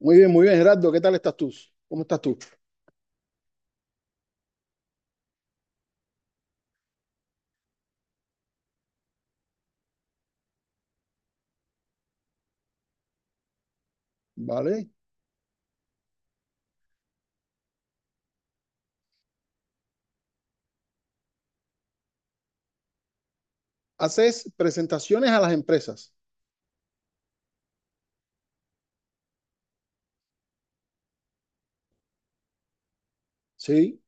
Muy bien, Gerardo. ¿Qué tal estás tú? ¿Cómo estás tú? ¿Vale? Haces presentaciones a las empresas. Sí,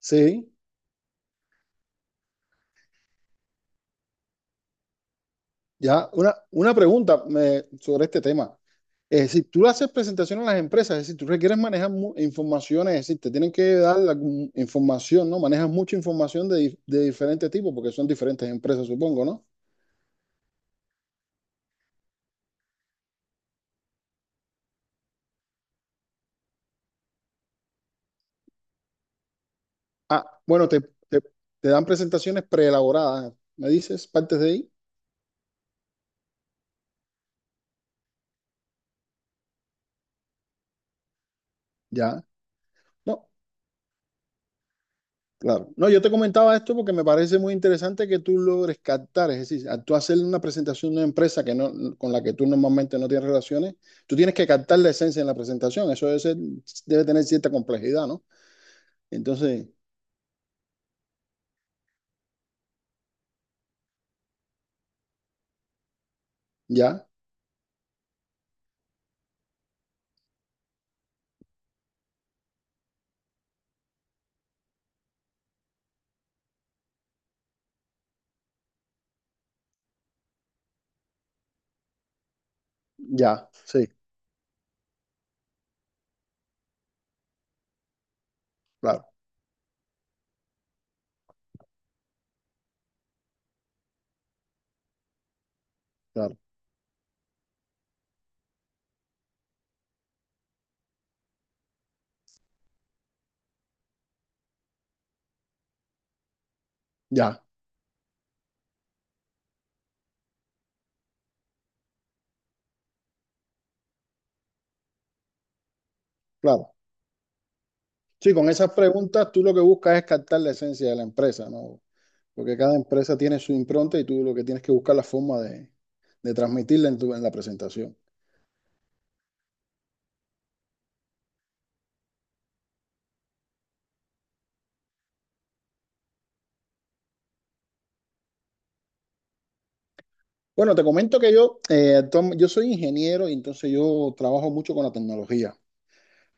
sí. Ya, una pregunta sobre este tema. Es decir, tú le haces presentaciones a las empresas, es decir, tú requieres manejar informaciones, es decir, te tienen que dar la información, ¿no? Manejas mucha información de diferentes tipos, porque son diferentes empresas, supongo, ¿no? Ah, bueno, te, te dan presentaciones preelaboradas, ¿me dices? Partes de ahí, ya. No, claro. No, yo te comentaba esto porque me parece muy interesante que tú logres captar, es decir, al tú hacer una presentación de una empresa que no, con la que tú normalmente no tienes relaciones, tú tienes que captar la esencia en la presentación. Eso debe tener cierta complejidad, ¿no? Entonces, ya, ya, sí, claro, claro, ya, claro. Sí, con esas preguntas tú lo que buscas es captar la esencia de la empresa, ¿no? Porque cada empresa tiene su impronta y tú lo que tienes que buscar la forma de transmitirla en la presentación. Bueno, te comento que yo soy ingeniero y entonces yo trabajo mucho con la tecnología.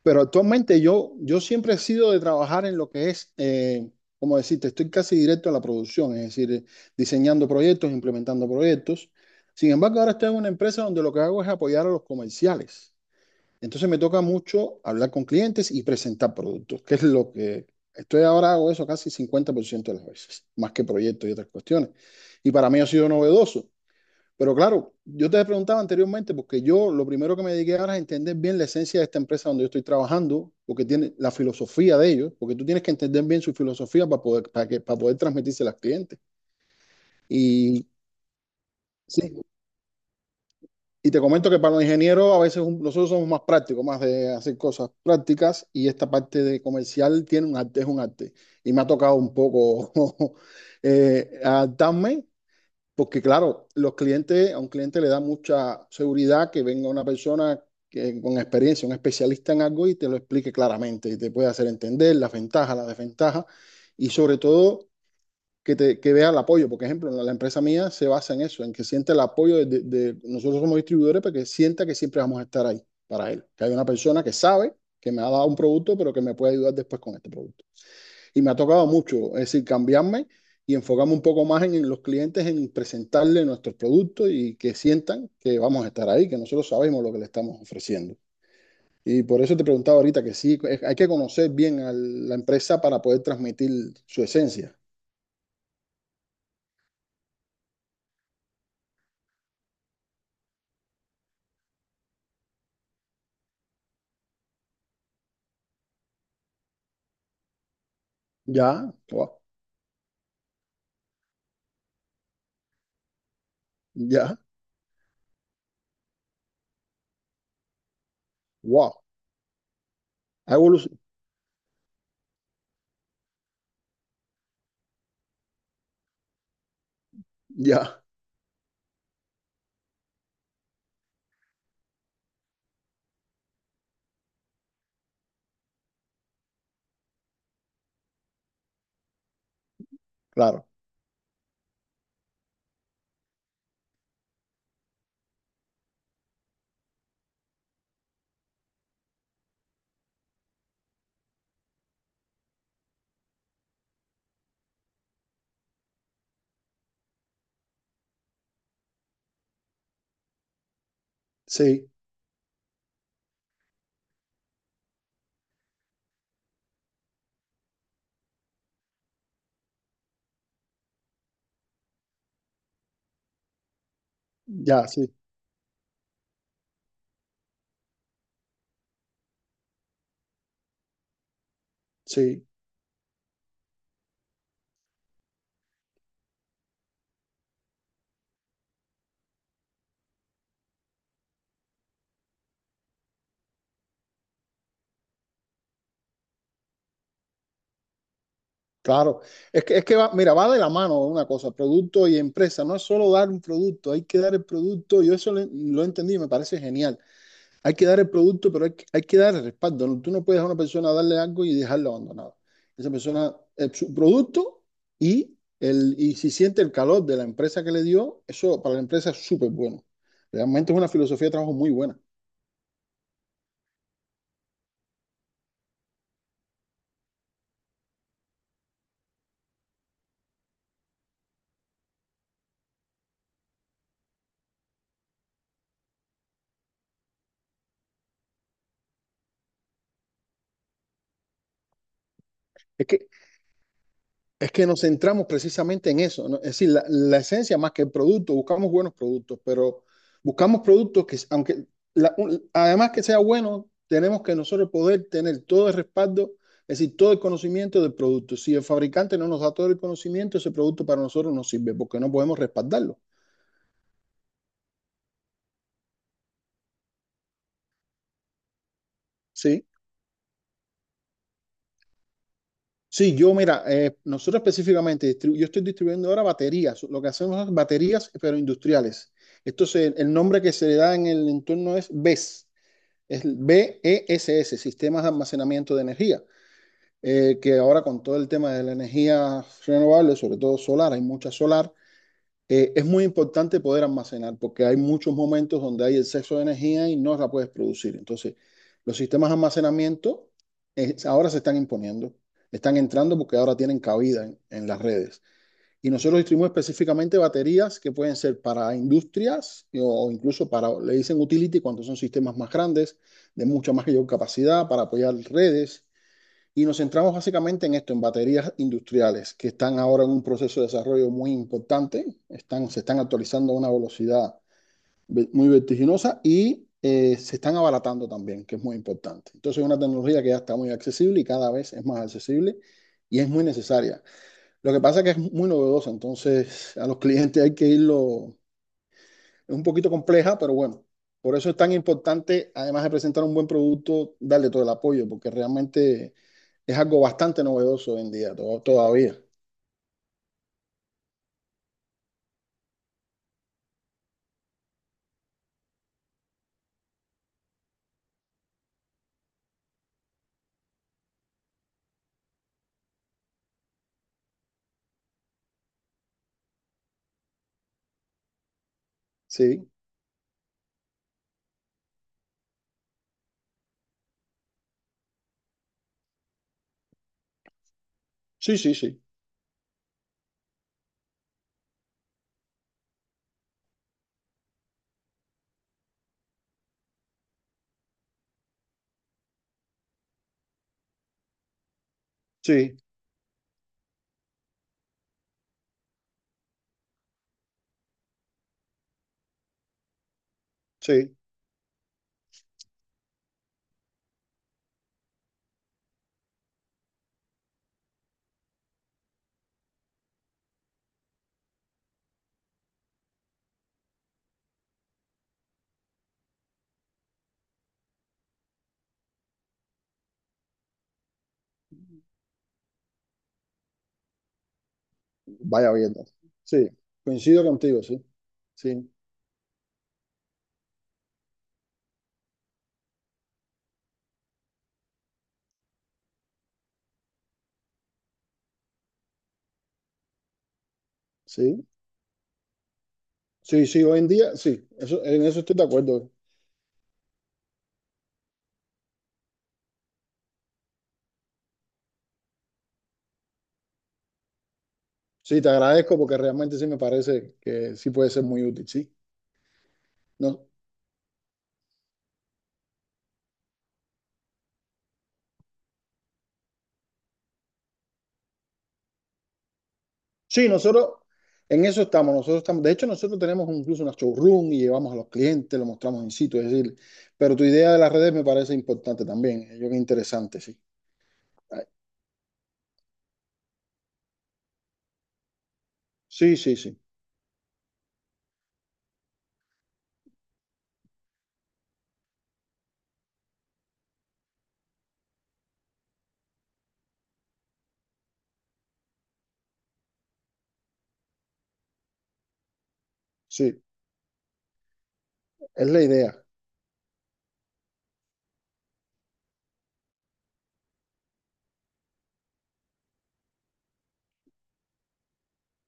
Pero actualmente yo siempre he sido de trabajar en lo que es, como decirte, estoy casi directo a la producción, es decir, diseñando proyectos, implementando proyectos. Sin embargo, ahora estoy en una empresa donde lo que hago es apoyar a los comerciales. Entonces me toca mucho hablar con clientes y presentar productos, que es lo que estoy ahora, hago eso casi 50% de las veces, más que proyectos y otras cuestiones. Y para mí ha sido novedoso. Pero claro, yo te preguntaba anteriormente, porque yo lo primero que me dediqué ahora es entender bien la esencia de esta empresa donde yo estoy trabajando, porque tiene la filosofía de ellos, porque tú tienes que entender bien su filosofía para poder, para que, para poder transmitirse a los clientes. Y sí, y te comento que para los ingenieros a veces nosotros somos más prácticos, más de hacer cosas prácticas, y esta parte de comercial tiene un arte, es un arte. Y me ha tocado un poco adaptarme. Porque claro, los clientes, a un cliente le da mucha seguridad que venga una persona que, con experiencia, un especialista en algo y te lo explique claramente y te puede hacer entender las ventajas, las desventajas y sobre todo que vea el apoyo. Por ejemplo, la empresa mía se basa en eso, en que siente el apoyo nosotros somos distribuidores, pero que sienta que siempre vamos a estar ahí para él. Que hay una persona que sabe que me ha dado un producto, pero que me puede ayudar después con este producto. Y me ha tocado mucho, es decir, cambiarme y enfocarme un poco más en los clientes, en presentarles nuestros productos y que sientan que vamos a estar ahí, que nosotros sabemos lo que le estamos ofreciendo. Y por eso te preguntaba ahorita que sí, hay que conocer bien a la empresa para poder transmitir su esencia. Ya, wow, ya, wow, ha evolucionado. Ya, claro, sí, ya, sí, sí. Claro, es que va, mira, va de la mano una cosa, producto y empresa, no es solo dar un producto, hay que dar el producto, yo eso lo entendí y me parece genial, hay que dar el producto, pero hay que dar el respaldo, ¿no? Tú no puedes a una persona darle algo y dejarla abandonada, esa persona, su producto y, y si siente el calor de la empresa que le dio, eso para la empresa es súper bueno, realmente es una filosofía de trabajo muy buena. Es que Es que nos centramos precisamente en eso, ¿no? Es decir, la esencia más que el producto, buscamos buenos productos, pero buscamos productos que, aunque, además que sea bueno, tenemos que nosotros poder tener todo el respaldo, es decir, todo el conocimiento del producto. Si el fabricante no nos da todo el conocimiento, ese producto para nosotros no sirve porque no podemos respaldarlo, ¿sí? Sí, yo, mira, nosotros específicamente, yo estoy distribuyendo ahora baterías, lo que hacemos es baterías, pero industriales. Entonces, el nombre que se le da en el entorno es BES. Es el BESS, Sistemas de Almacenamiento de Energía, que ahora con todo el tema de la energía renovable, sobre todo solar, hay mucha solar, es muy importante poder almacenar porque hay muchos momentos donde hay exceso de energía y no la puedes producir. Entonces, los sistemas de almacenamiento ahora se están imponiendo, están entrando porque ahora tienen cabida en las redes. Y nosotros distribuimos específicamente baterías que pueden ser para industrias o incluso para, le dicen utility cuando son sistemas más grandes, de mucha mayor capacidad para apoyar redes. Y nos centramos básicamente en esto, en baterías industriales, que están ahora en un proceso de desarrollo muy importante, se están actualizando a una velocidad muy vertiginosa y se están abaratando también, que es muy importante. Entonces es una tecnología que ya está muy accesible y cada vez es más accesible y es muy necesaria. Lo que pasa es que es muy novedosa, entonces a los clientes hay que irlo, es un poquito compleja, pero bueno, por eso es tan importante, además de presentar un buen producto, darle todo el apoyo, porque realmente es algo bastante novedoso hoy en día, todavía. Sí, sí, sí, sí, sí, sí, vaya viendo. Sí, coincido contigo, sí, sí, sí, sí, sí, hoy en día, sí, eso, en eso estoy de acuerdo. Sí, te agradezco porque realmente sí me parece que sí puede ser muy útil, sí. No, sí, nosotros en eso estamos, nosotros estamos, de hecho nosotros tenemos incluso una showroom y llevamos a los clientes, lo mostramos en sitio, es decir, pero tu idea de las redes me parece importante también, yo creo que interesante, sí. Ay, sí, sí, sí, sí, es la idea,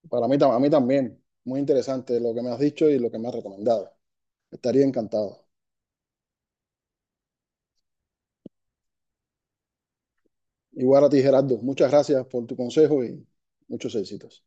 para mí, a mí también, muy interesante lo que me has dicho y lo que me has recomendado, estaría encantado. Igual a ti, Gerardo, muchas gracias por tu consejo y muchos éxitos.